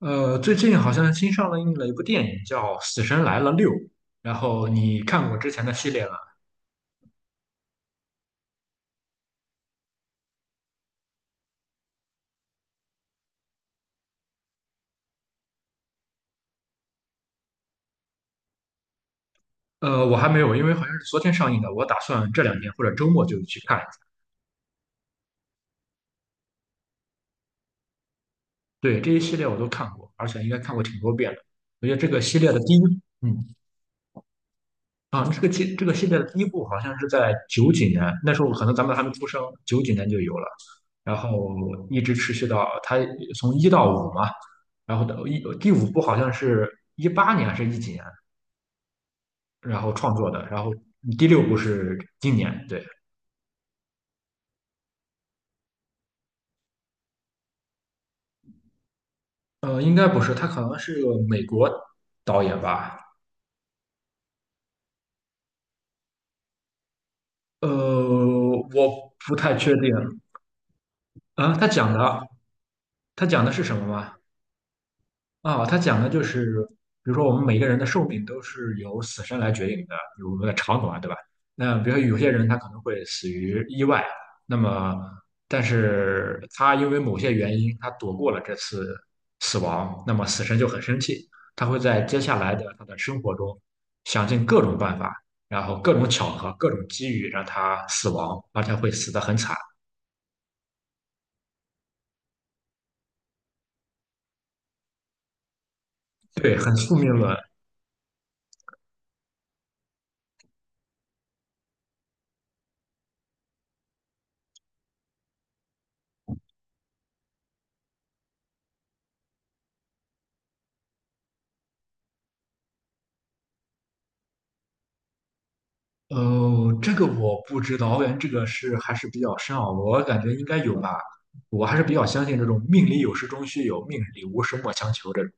最近好像新上映了一部电影叫《死神来了六》，然后你看过之前的系列吗？我还没有，因为好像是昨天上映的，我打算这两天或者周末就去看一下。对，这一系列我都看过，而且应该看过挺多遍的。我觉得这个系列的第一，嗯，啊，这个系这个系列的第一部好像是在九几年，那时候可能咱们还没出生，九几年就有了，然后一直持续到它从一到五嘛，然后到一第五部好像是一八年还是一几年，然后创作的，然后第六部是今年。对，应该不是，他可能是个美国导演吧。我不太确定。啊、他讲的他讲的是什么吗？他讲的就是，比如说我们每个人的寿命都是由死神来决定的，有我们的长短，对吧？那比如说有些人他可能会死于意外，那么但是他因为某些原因他躲过了这次死亡，那么死神就很生气，他会在接下来的他的生活中想尽各种办法，然后各种巧合、各种机遇让他死亡，而且会死得很惨。对，很宿命论。哦，这个我不知道，我感觉这个是还是比较深奥，我感觉应该有吧。我还是比较相信这种命里有时终须有，命里无时莫强求这种。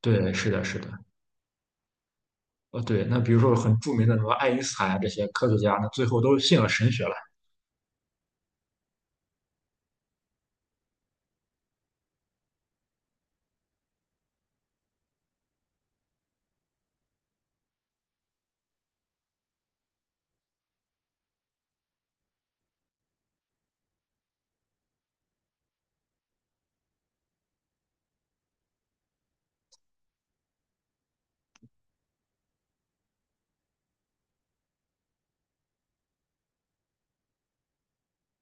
对，是的，是的。哦，对，那比如说很著名的什么爱因斯坦啊，这些科学家，那最后都信了神学了。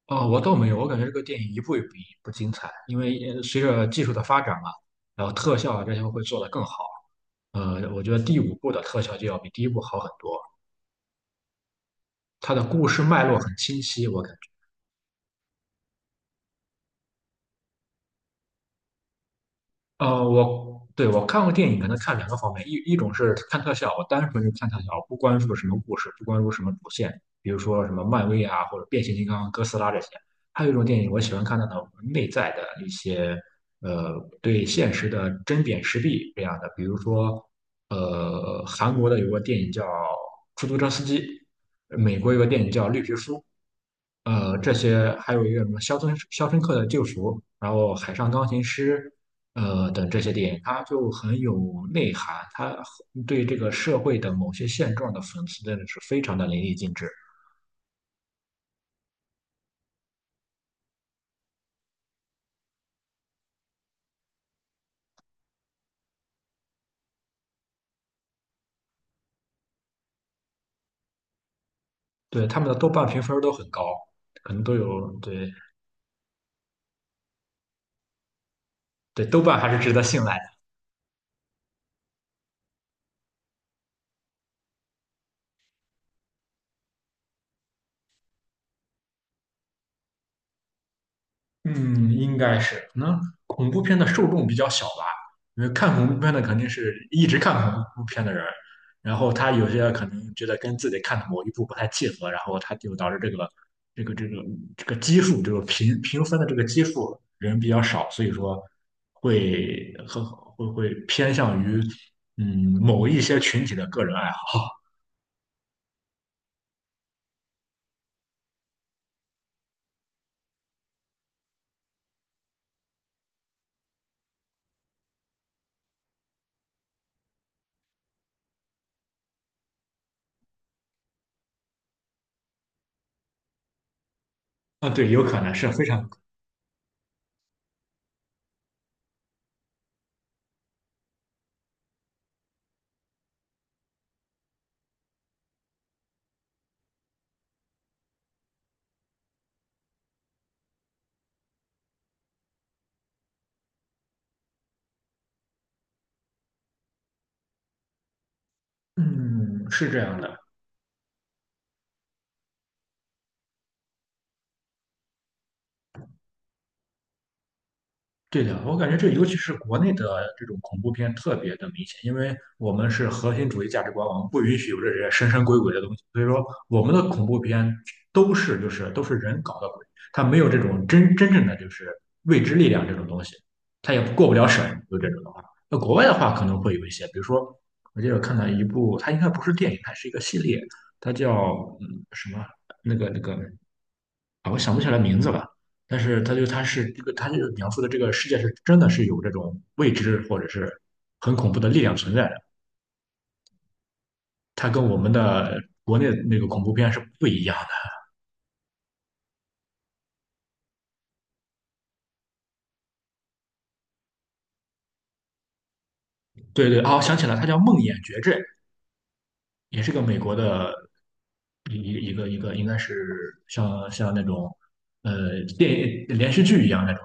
哦，我倒没有，我感觉这个电影一部也比一部精彩，因为随着技术的发展嘛，然后特效啊这些会做得更好。我觉得第五部的特效就要比第一部好很多，它的故事脉络很清晰，我感觉。我对我看过电影，可能看两个方面，一种是看特效，我单纯是看特效，不关注什么故事，不关注什么主线，比如说什么漫威啊，或者变形金刚、哥斯拉这些。还有一种电影，我喜欢看那种内在的一些，呃，对现实的针砭时弊这样的，比如说，韩国的有个电影叫《出租车司机》，美国有个电影叫《绿皮书》，这些还有一个什么肖申克的救赎》》，然后《海上钢琴师》，等这些电影，它就很有内涵，它对这个社会的某些现状的讽刺真的是非常的淋漓尽致。对，他们的豆瓣评分都很高，可能都有。对对，豆瓣还是值得信赖的。嗯，应该是，可能恐怖片的受众比较小吧，因为看恐怖片的肯定是一直看恐怖片的人，然后他有些可能觉得跟自己看的某一部不太契合，然后他就导致这个这个这个基数，这个评分的这个基数人比较少，所以说会和会会偏向于某一些群体的个人爱好。啊，对，有可能是非常。嗯，是这样的。对的，我感觉这尤其是国内的这种恐怖片特别的明显，因为我们是核心主义价值观，我们不允许有这些神神鬼鬼的东西，所以说我们的恐怖片都是就是都是人搞的鬼，它没有这种真正的就是未知力量这种东西，它也过不了审，就这种的话。那国外的话可能会有一些，比如说我记得看到一部，它应该不是电影，它是一个系列，它叫什么那个。啊，我想不起来名字了，但是他是这个，他就是描述的这个世界是真的是有这种未知或者是很恐怖的力量存在的，它跟我们的国内那个恐怖片是不一样的。对对，啊，我想起来，它叫《梦魇绝症》，也是个美国的一个一个应该是像那种电影连续剧一样那种。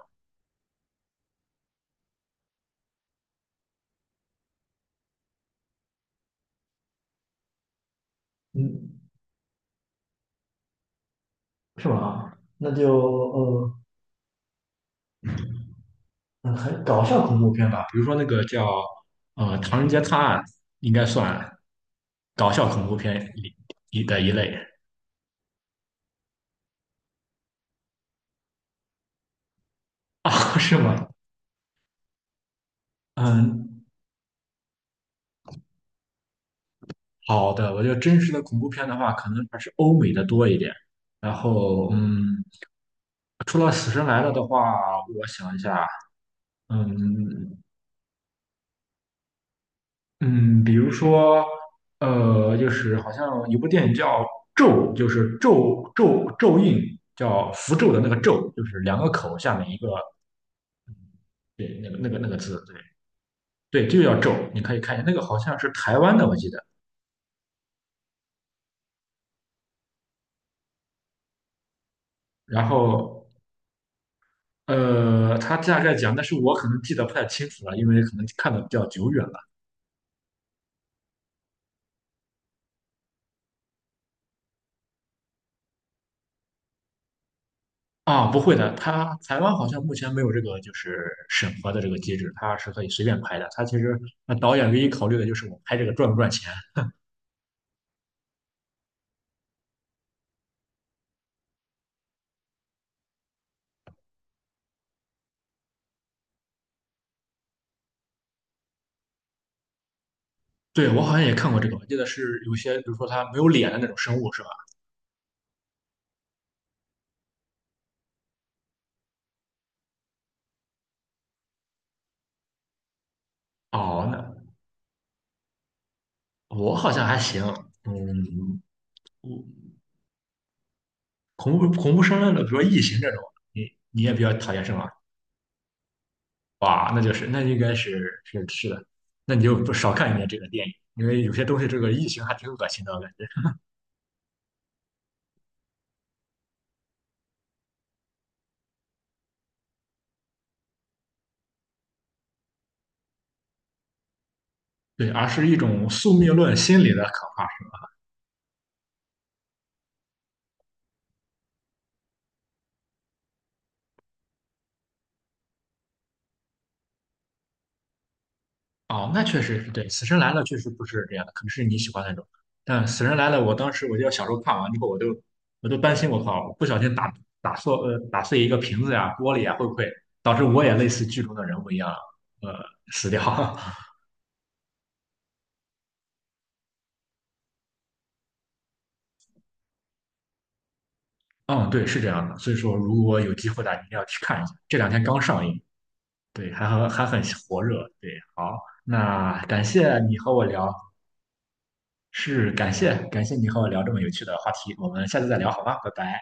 嗯，是吗？那就呃，嗯，很搞笑恐怖片吧，比如说那个叫《唐人街探案》，应该算搞笑恐怖片里的一类。是吗？嗯，好的，我觉得真实的恐怖片的话，可能还是欧美的多一点。然后，嗯，除了《死神来了》的话，我想一下。嗯嗯，比如说，就是好像有部电影叫《咒》，就是咒印，叫符咒的那个咒，就是两个口下面一个对，那个字，对对，就叫咒。你可以看一下，那个好像是台湾的，我记得。然后他大概讲，但是我可能记得不太清楚了，因为可能看的比较久远了。啊，不会的，他台湾好像目前没有这个就是审核的这个机制，他是可以随便拍的。他其实那导演唯一考虑的就是我拍这个赚不赚钱。对，我好像也看过这个，我记得是有些，比如说他没有脸的那种生物，是吧？哦，那我好像还行。嗯，恐怖生论的，比如说异形这种，你也比较讨厌是吗？哇，那就是那应该是的，那你就不少看一点这个电影，因为有些东西这个异形还挺恶心的，我感觉。对，而是一种宿命论心理的可怕。哦，那确实是对，《死神来了》确实不是这样的，可能是你喜欢那种。但《死神来了》，我当时我就得小时候看完之后，我都担心，我靠，我不小心打碎打碎一个瓶子呀、玻璃呀，会不会导致我也类似剧中的人物一样呃死掉？嗯，对，是这样的。所以说，如果有机会的话，一定要去看一下。这两天刚上映，对，还很火热。对，好，那感谢你和我聊，是感谢你和我聊这么有趣的话题。我们下次再聊，好吗？拜拜。